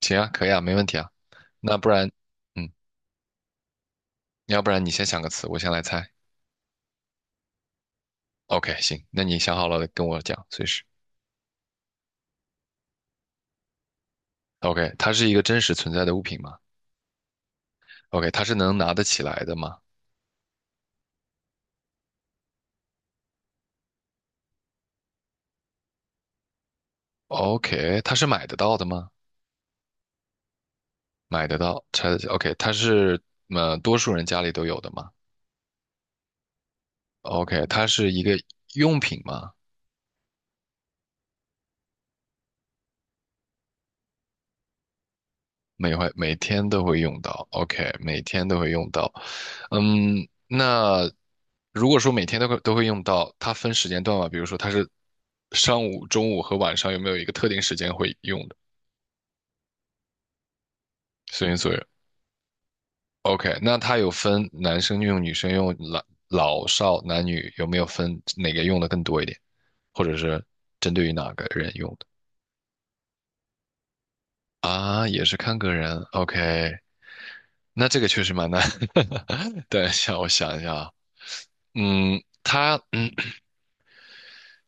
行啊，可以啊，没问题啊。那不然，嗯，要不然你先想个词，我先来猜。OK，行，那你想好了跟我讲，随时。OK，它是一个真实存在的物品吗？OK，它是能拿得起来的吗？OK，它是买得到的吗？买得到，拆得起。OK，它是多数人家里都有的吗？OK，它是一个用品吗？每回每天都会用到，OK，每天都会用到。嗯，那如果说每天都会用到，它分时间段嘛，比如说它是上午、中午和晚上，有没有一个特定时间会用的？随心所欲。 o k 那它有分男生用、女生用、老老少男女，有没有分哪个用的更多一点，或者是针对于哪个人用的？啊，也是看个人，OK，那这个确实蛮难。等一下，我想一下啊，嗯，它，嗯。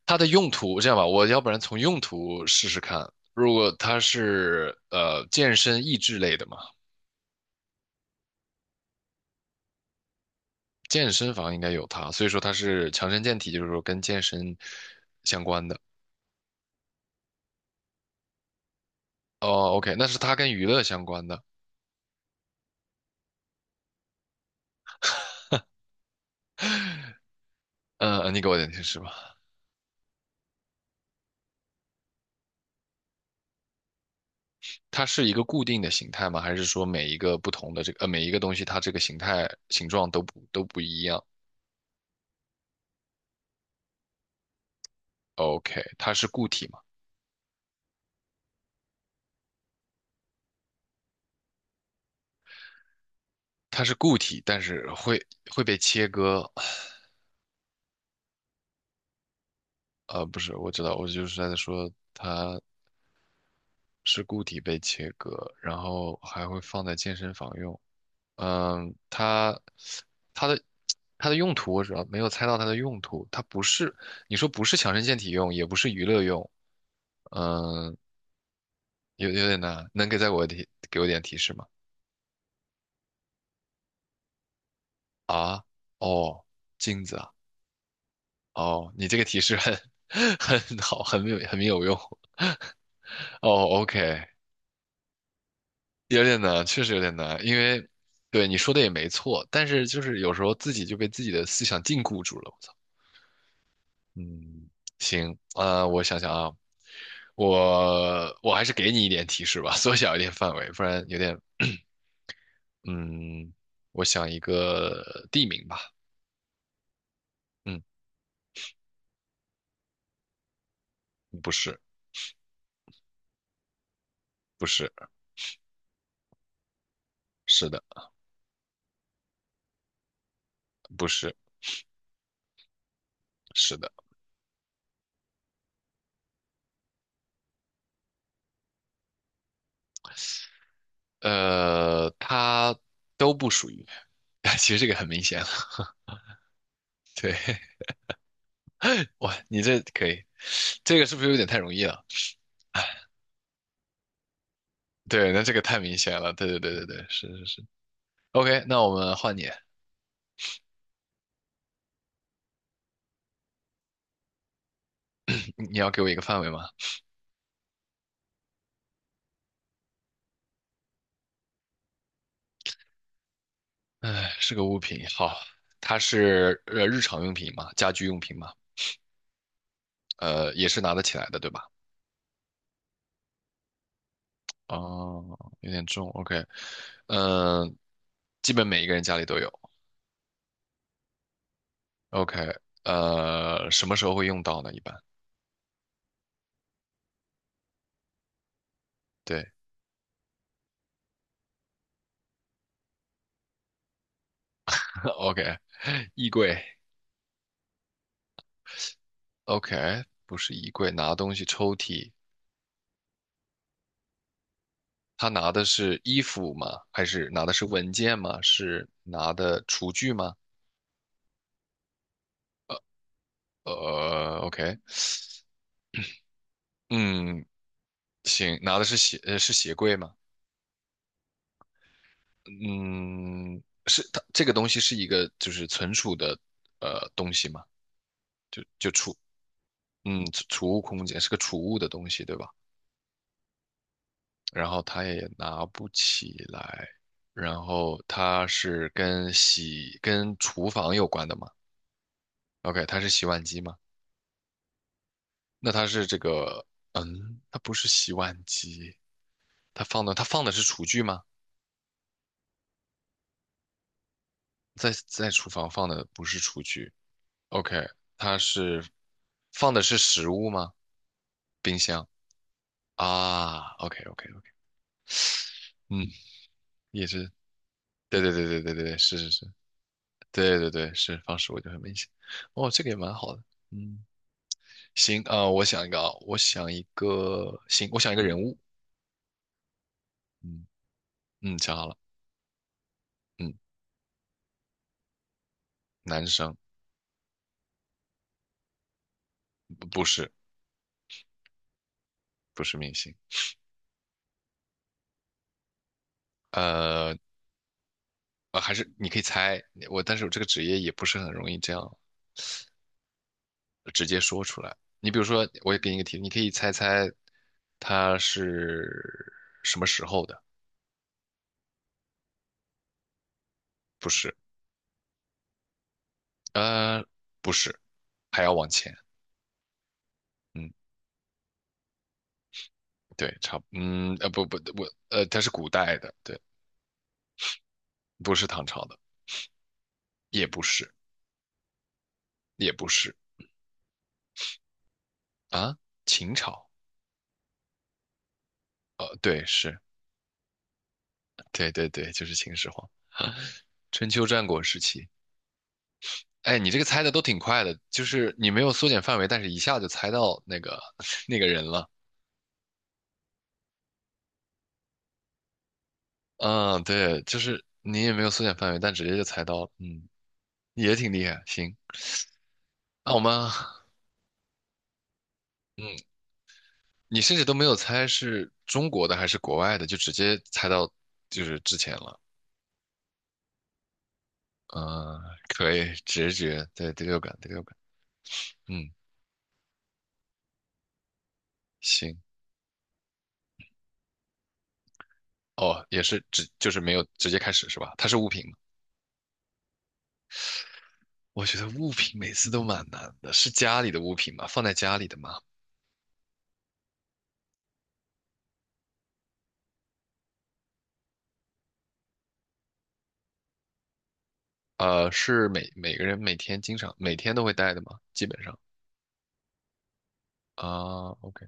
它的用途，这样吧，我要不然从用途试试看。如果它是健身益智类的嘛，健身房应该有它，所以说它是强身健体，就是说跟健身相关的。哦，OK，那是它跟娱乐相关的。嗯，你给我点提示吧。它是一个固定的形态吗？还是说每一个不同的每一个东西它这个形状都不一样？OK，它是固体吗？它是固体，但是会被切割。呃，不是，我知道，我就是在说它是固体被切割，然后还会放在健身房用。嗯，它的它的用途我主要没有猜到它的用途，它不是你说不是强身健体用，也不是娱乐用，嗯，有点难，能给再给我提给我点提示吗？啊，哦，镜子啊，哦，你这个提示很 很好，很有用。哦，OK，有点难，确实有点难，因为对你说的也没错，但是就是有时候自己就被自己的思想禁锢住了。我操，嗯，行，啊，我想想啊，我还是给你一点提示吧，缩小一点范围，不然有点，嗯，我想一个地名吧，嗯，不是，不是，是的，不是，是的，呃，它都不属于，其实这个很明显了，对，哇，你这可以，这个是不是有点太容易了？对，那这个太明显了。对对对对对，是是是。OK，那我们换你，你你要给我一个范围吗？哎，是个物品。好，它是日常用品嘛，家居用品嘛，呃，也是拿得起来的，对吧？哦，有点重。OK，嗯、基本每一个人家里都有。OK，呃，什么时候会用到呢？一般，对。 ，OK，衣柜，OK，不是衣柜，拿东西抽屉，他拿的是衣服吗？还是拿的是文件吗？是拿的厨具吗？呃，OK，嗯，行，拿的是鞋，呃，是鞋柜吗？嗯，是它这个东西是一个就是存储的东西吗？就就储，嗯，储储物空间是个储物的东西，对吧？然后它也拿不起来，然后它是跟厨房有关的吗？OK，它是洗碗机吗？那它是这个，嗯，它不是洗碗机，它放的是厨具吗？在在厨房放的不是厨具，OK，它是放的是食物吗？冰箱啊，OK OK OK，嗯，也是，对对对对对对对，是是是，对对对是放食物就很明显，哦，这个也蛮好的，嗯，行啊，我想一个啊，我想一个，行，我想一个人物，嗯嗯，想好了，嗯，男生，不不是明星。呃，呃，还是你可以猜我，但是我这个职业也不是很容易这样直接说出来。你比如说，我也给你一个题，你可以猜猜它是什么时候的？不是，呃，不是，还要往前。嗯，对，差不，嗯，呃，不不，我，呃，它是古代的，对，不是唐朝的，也不是，也不是啊，秦朝，呃，对，是，对对对，就是秦始皇，春秋战国时期。哎，你这个猜的都挺快的，就是你没有缩减范围，但是一下就猜到那个 那个人了。嗯，对，就是你也没有缩减范围，但直接就猜到了。嗯，也挺厉害。行，那我们，嗯，你甚至都没有猜是中国的还是国外的，就直接猜到就是之前了。嗯，可以，直觉，对，第六感，第六感。嗯，行。哦，也是直，就是没有直接开始是吧？它是物品吗？我觉得物品每次都蛮难的，是家里的物品吗？放在家里的吗？呃，是每个人每天都会带的吗？基本上啊，OK，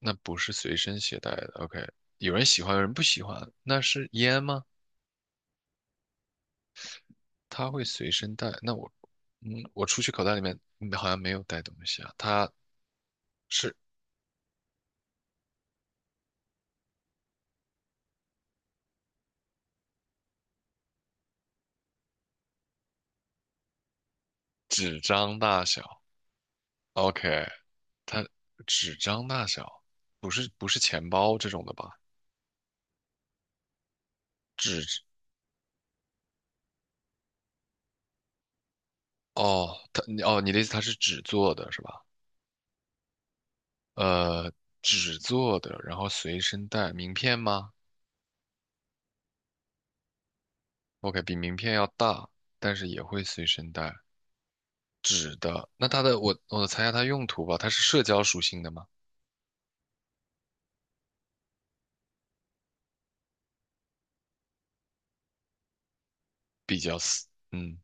那不是随身携带的，OK，有人喜欢，有人不喜欢，那是烟吗？他会随身带，那我，嗯，我出去口袋里面好像没有带东西啊，它是纸张大小，OK，它纸张大小，不是钱包这种的吧？纸，哦，你的意思它是纸做的是吧？呃，纸做的，然后随身带，名片吗？OK，比名片要大，但是也会随身带。纸的，那它的我猜一下它用途吧，它是社交属性的吗？比较私，嗯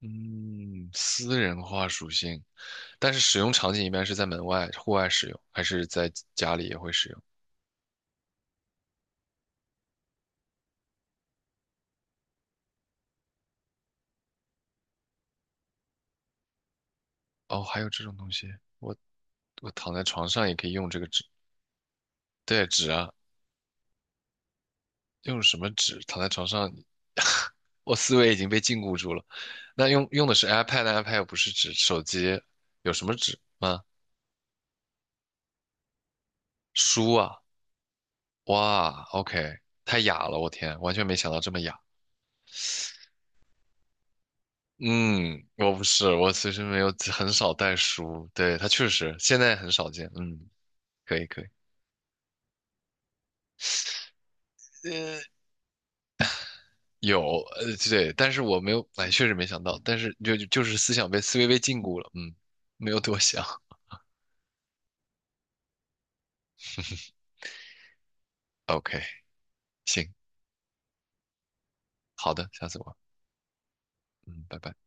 嗯，私人化属性，但是使用场景一般是在门外、户外使用，还是在家里也会使用？哦，还有这种东西，我我躺在床上也可以用这个纸，对，纸啊，用什么纸？躺在床上，我思维已经被禁锢住了。那用的是 iPad，iPad 又不是指手机，有什么纸吗？书啊，哇，OK，太雅了，我天，完全没想到这么雅。嗯，我不是，我其实没有，很少带书。对，它确实现在很少见。嗯，可以可以。呃，有，呃，对，但是我没有，哎，确实没想到，但是思维被禁锢了。嗯，没有多想。OK，行，好的，下次玩。嗯，拜拜。